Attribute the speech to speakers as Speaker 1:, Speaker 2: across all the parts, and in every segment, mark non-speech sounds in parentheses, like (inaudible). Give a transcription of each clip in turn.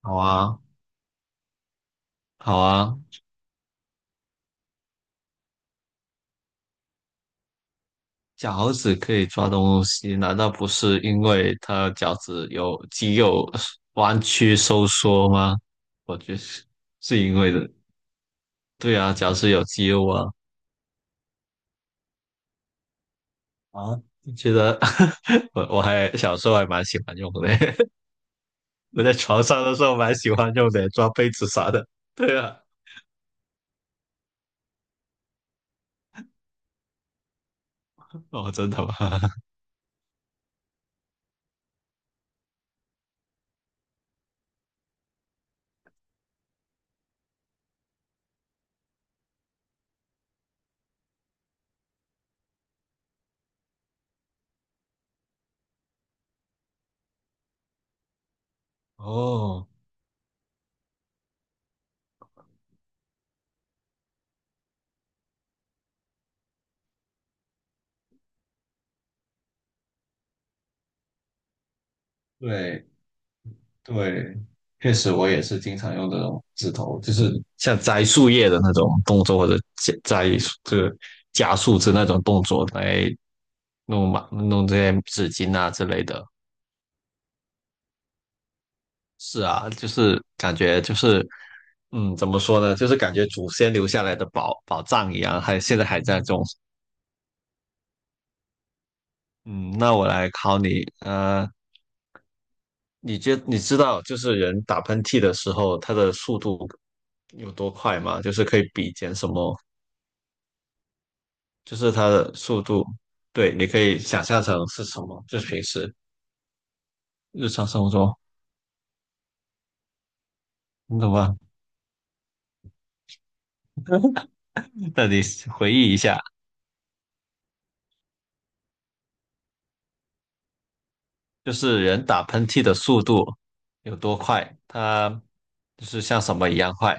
Speaker 1: 好啊，好啊，脚趾可以抓东西，难道不是因为它脚趾有肌肉弯曲收缩吗？我觉得是因为的。对啊，脚趾有肌肉啊。啊，觉得 (laughs) 我还小时候还蛮喜欢用的，(laughs) 我在床上的时候蛮喜欢用的，抓被子啥的。对啊，哦，真的吗？(laughs) 哦，对。对，确实我也是经常用这种指头，就是像摘树叶的那种动作，或者摘摘这个加树枝那种动作来弄嘛，弄这些纸巾啊之类的。是啊，就是感觉就是，嗯，怎么说呢？就是感觉祖先留下来的宝藏一样，还现在还在种。嗯，那我来考你，你知道就是人打喷嚏的时候，它的速度有多快吗？就是可以比肩什么就是它的速度，对，你可以想象成是什么，就是平时日常生活中，你懂吗？(laughs) 那你回忆一下，就是人打喷嚏的速度有多快，它就是像什么一样快，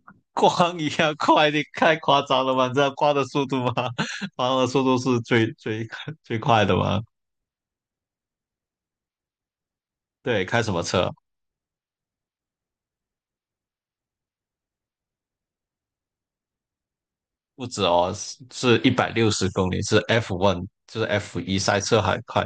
Speaker 1: (laughs) 光一样快，你太夸张了吧？你知道光的速度吗？(laughs) 光的速度是最最最快的吗？对，开什么车？不止哦，是160公里，是 F1，就是 F1，赛车还快。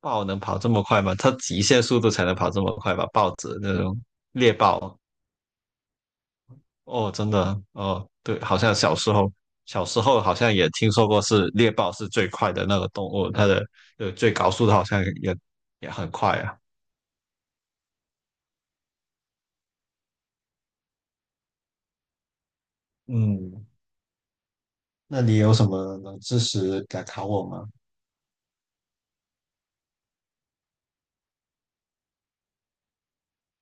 Speaker 1: 豹能跑这么快吗？它极限速度才能跑这么快吧？豹子那种猎豹，哦，真的，哦，对，好像小时候，小时候好像也听说过是猎豹是最快的那个动物，它的最高速度好像也很快啊。嗯，那你有什么能知识敢考我吗？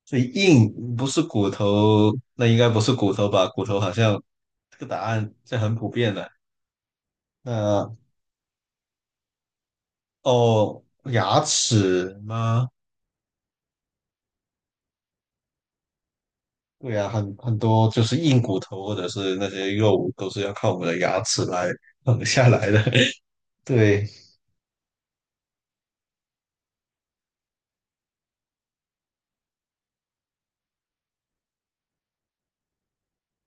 Speaker 1: 最硬不是骨头，那应该不是骨头吧？骨头好像这个答案是很普遍的。那哦，牙齿吗？对啊，很多就是硬骨头或者是那些肉都是要靠我们的牙齿来 (laughs) 啃下来的。(laughs) 对，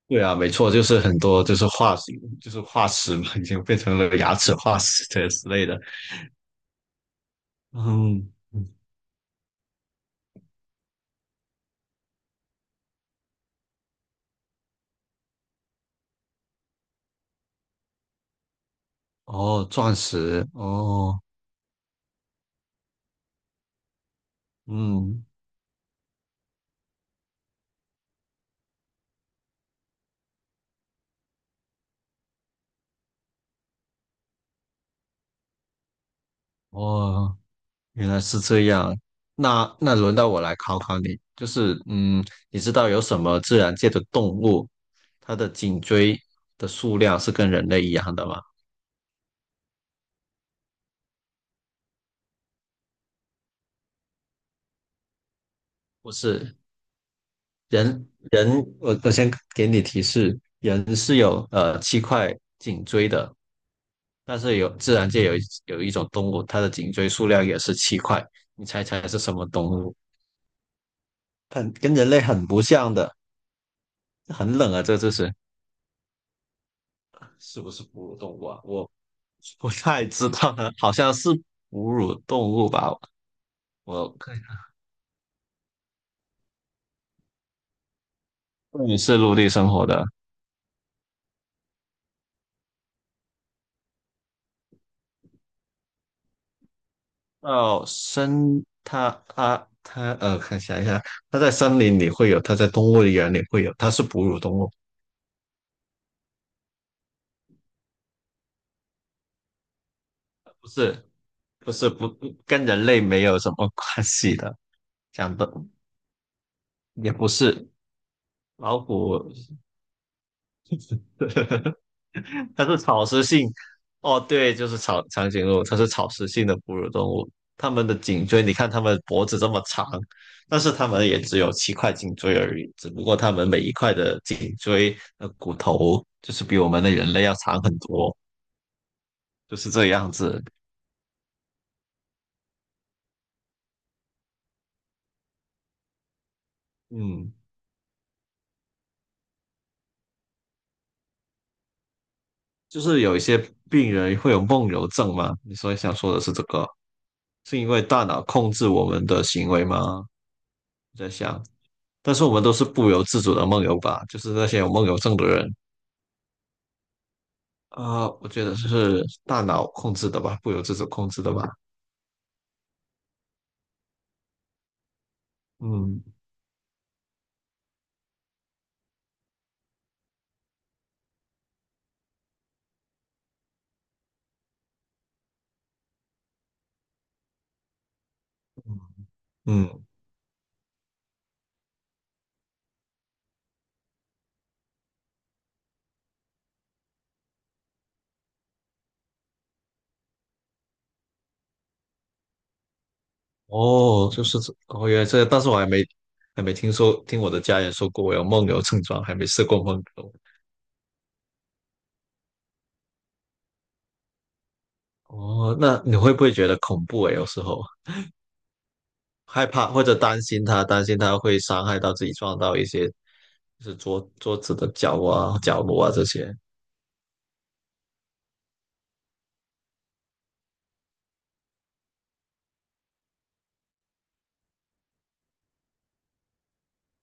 Speaker 1: 对啊，没错，就是很多就是化石，就是化石嘛，已经变成了牙齿化石这之类的。嗯，嗯哦，钻石，哦，嗯，哦，原来是这样。那轮到我来考考你，就是嗯，你知道有什么自然界的动物，它的颈椎的数量是跟人类一样的吗？不是。人人，我我先给你提示，人是有七块颈椎的，但是自然界有一种动物，它的颈椎数量也是七块，你猜猜是什么动物？很跟人类很不像的，很冷啊，这是不是哺乳动物啊？我不太知道呢，好像是哺乳动物吧？我看一下，是陆地生活的，哦，森它它它呃，看想一下，它在森林里会有，它在动物园里会有，它是哺乳动物，不是不是不跟人类没有什么关系的，讲的也不是老虎，(laughs) 它是草食性，哦，对，就是长颈鹿，它是草食性的哺乳动物。它们的颈椎，你看它们脖子这么长，但是它们也只有七块颈椎而已。只不过它们每一块的颈椎的骨头，就是比我们的人类要长很多，就是这样子。嗯，就是有一些病人会有梦游症嘛，你所以想说的是这个，是因为大脑控制我们的行为吗？我在想。但是我们都是不由自主的梦游吧，就是那些有梦游症的人啊、我觉得是大脑控制的吧，不由自主控制的吧。嗯嗯，嗯哦，就是这，哦，原来这，但是我还没听说，听我的家人说过我有梦游症状，还没试过梦游。哦，那你会不会觉得恐怖诶？有时候害怕或者担心他，担心他会伤害到自己，撞到一些就是桌子的角啊、角落啊这些。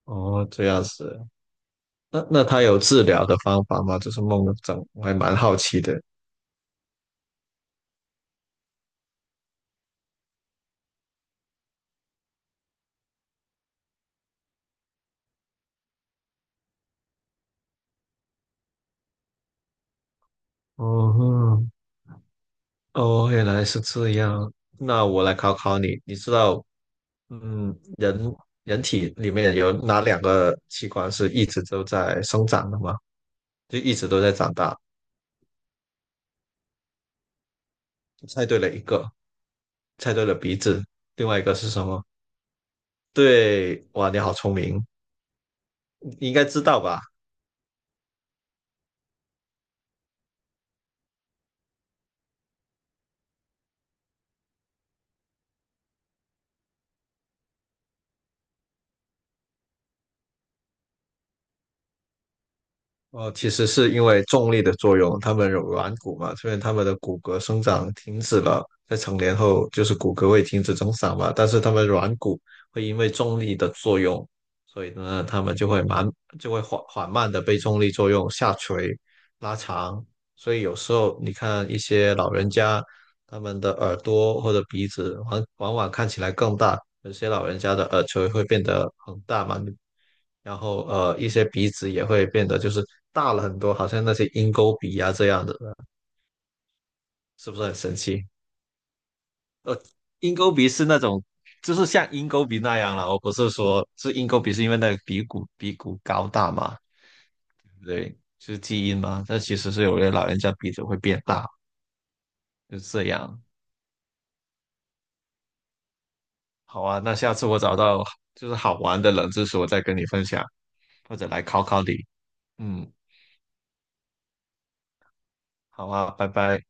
Speaker 1: 哦，这样子。那他有治疗的方法吗？就是梦的症，我还蛮好奇的。哦哼哦，原来是这样。那我来考考你，你知道，嗯，人体里面有哪两个器官是一直都在生长的吗？就一直都在长大。猜对了一个，猜对了鼻子，另外一个是什么？对，哇，你好聪明，你应该知道吧？哦，其实是因为重力的作用，他们有软骨嘛，所以他们的骨骼生长停止了，在成年后就是骨骼会停止增长嘛，但是他们软骨会因为重力的作用，所以呢，他们就会慢，就会缓慢的被重力作用下垂、拉长，所以有时候你看一些老人家，他们的耳朵或者鼻子往往看起来更大，有些老人家的耳垂会变得很大嘛，然后一些鼻子也会变得就是大了很多，好像那些鹰钩鼻啊这样的，是不是很神奇？鹰钩鼻是那种就是像鹰钩鼻那样了，我不是说是鹰钩鼻是因为那个鼻骨高大嘛，对不对？就是基因嘛，但其实是有些老人家鼻子会变大，就是这样。好啊，那下次我找到就是好玩的冷知识，我再跟你分享。或者来考考你。嗯，好啊，拜拜。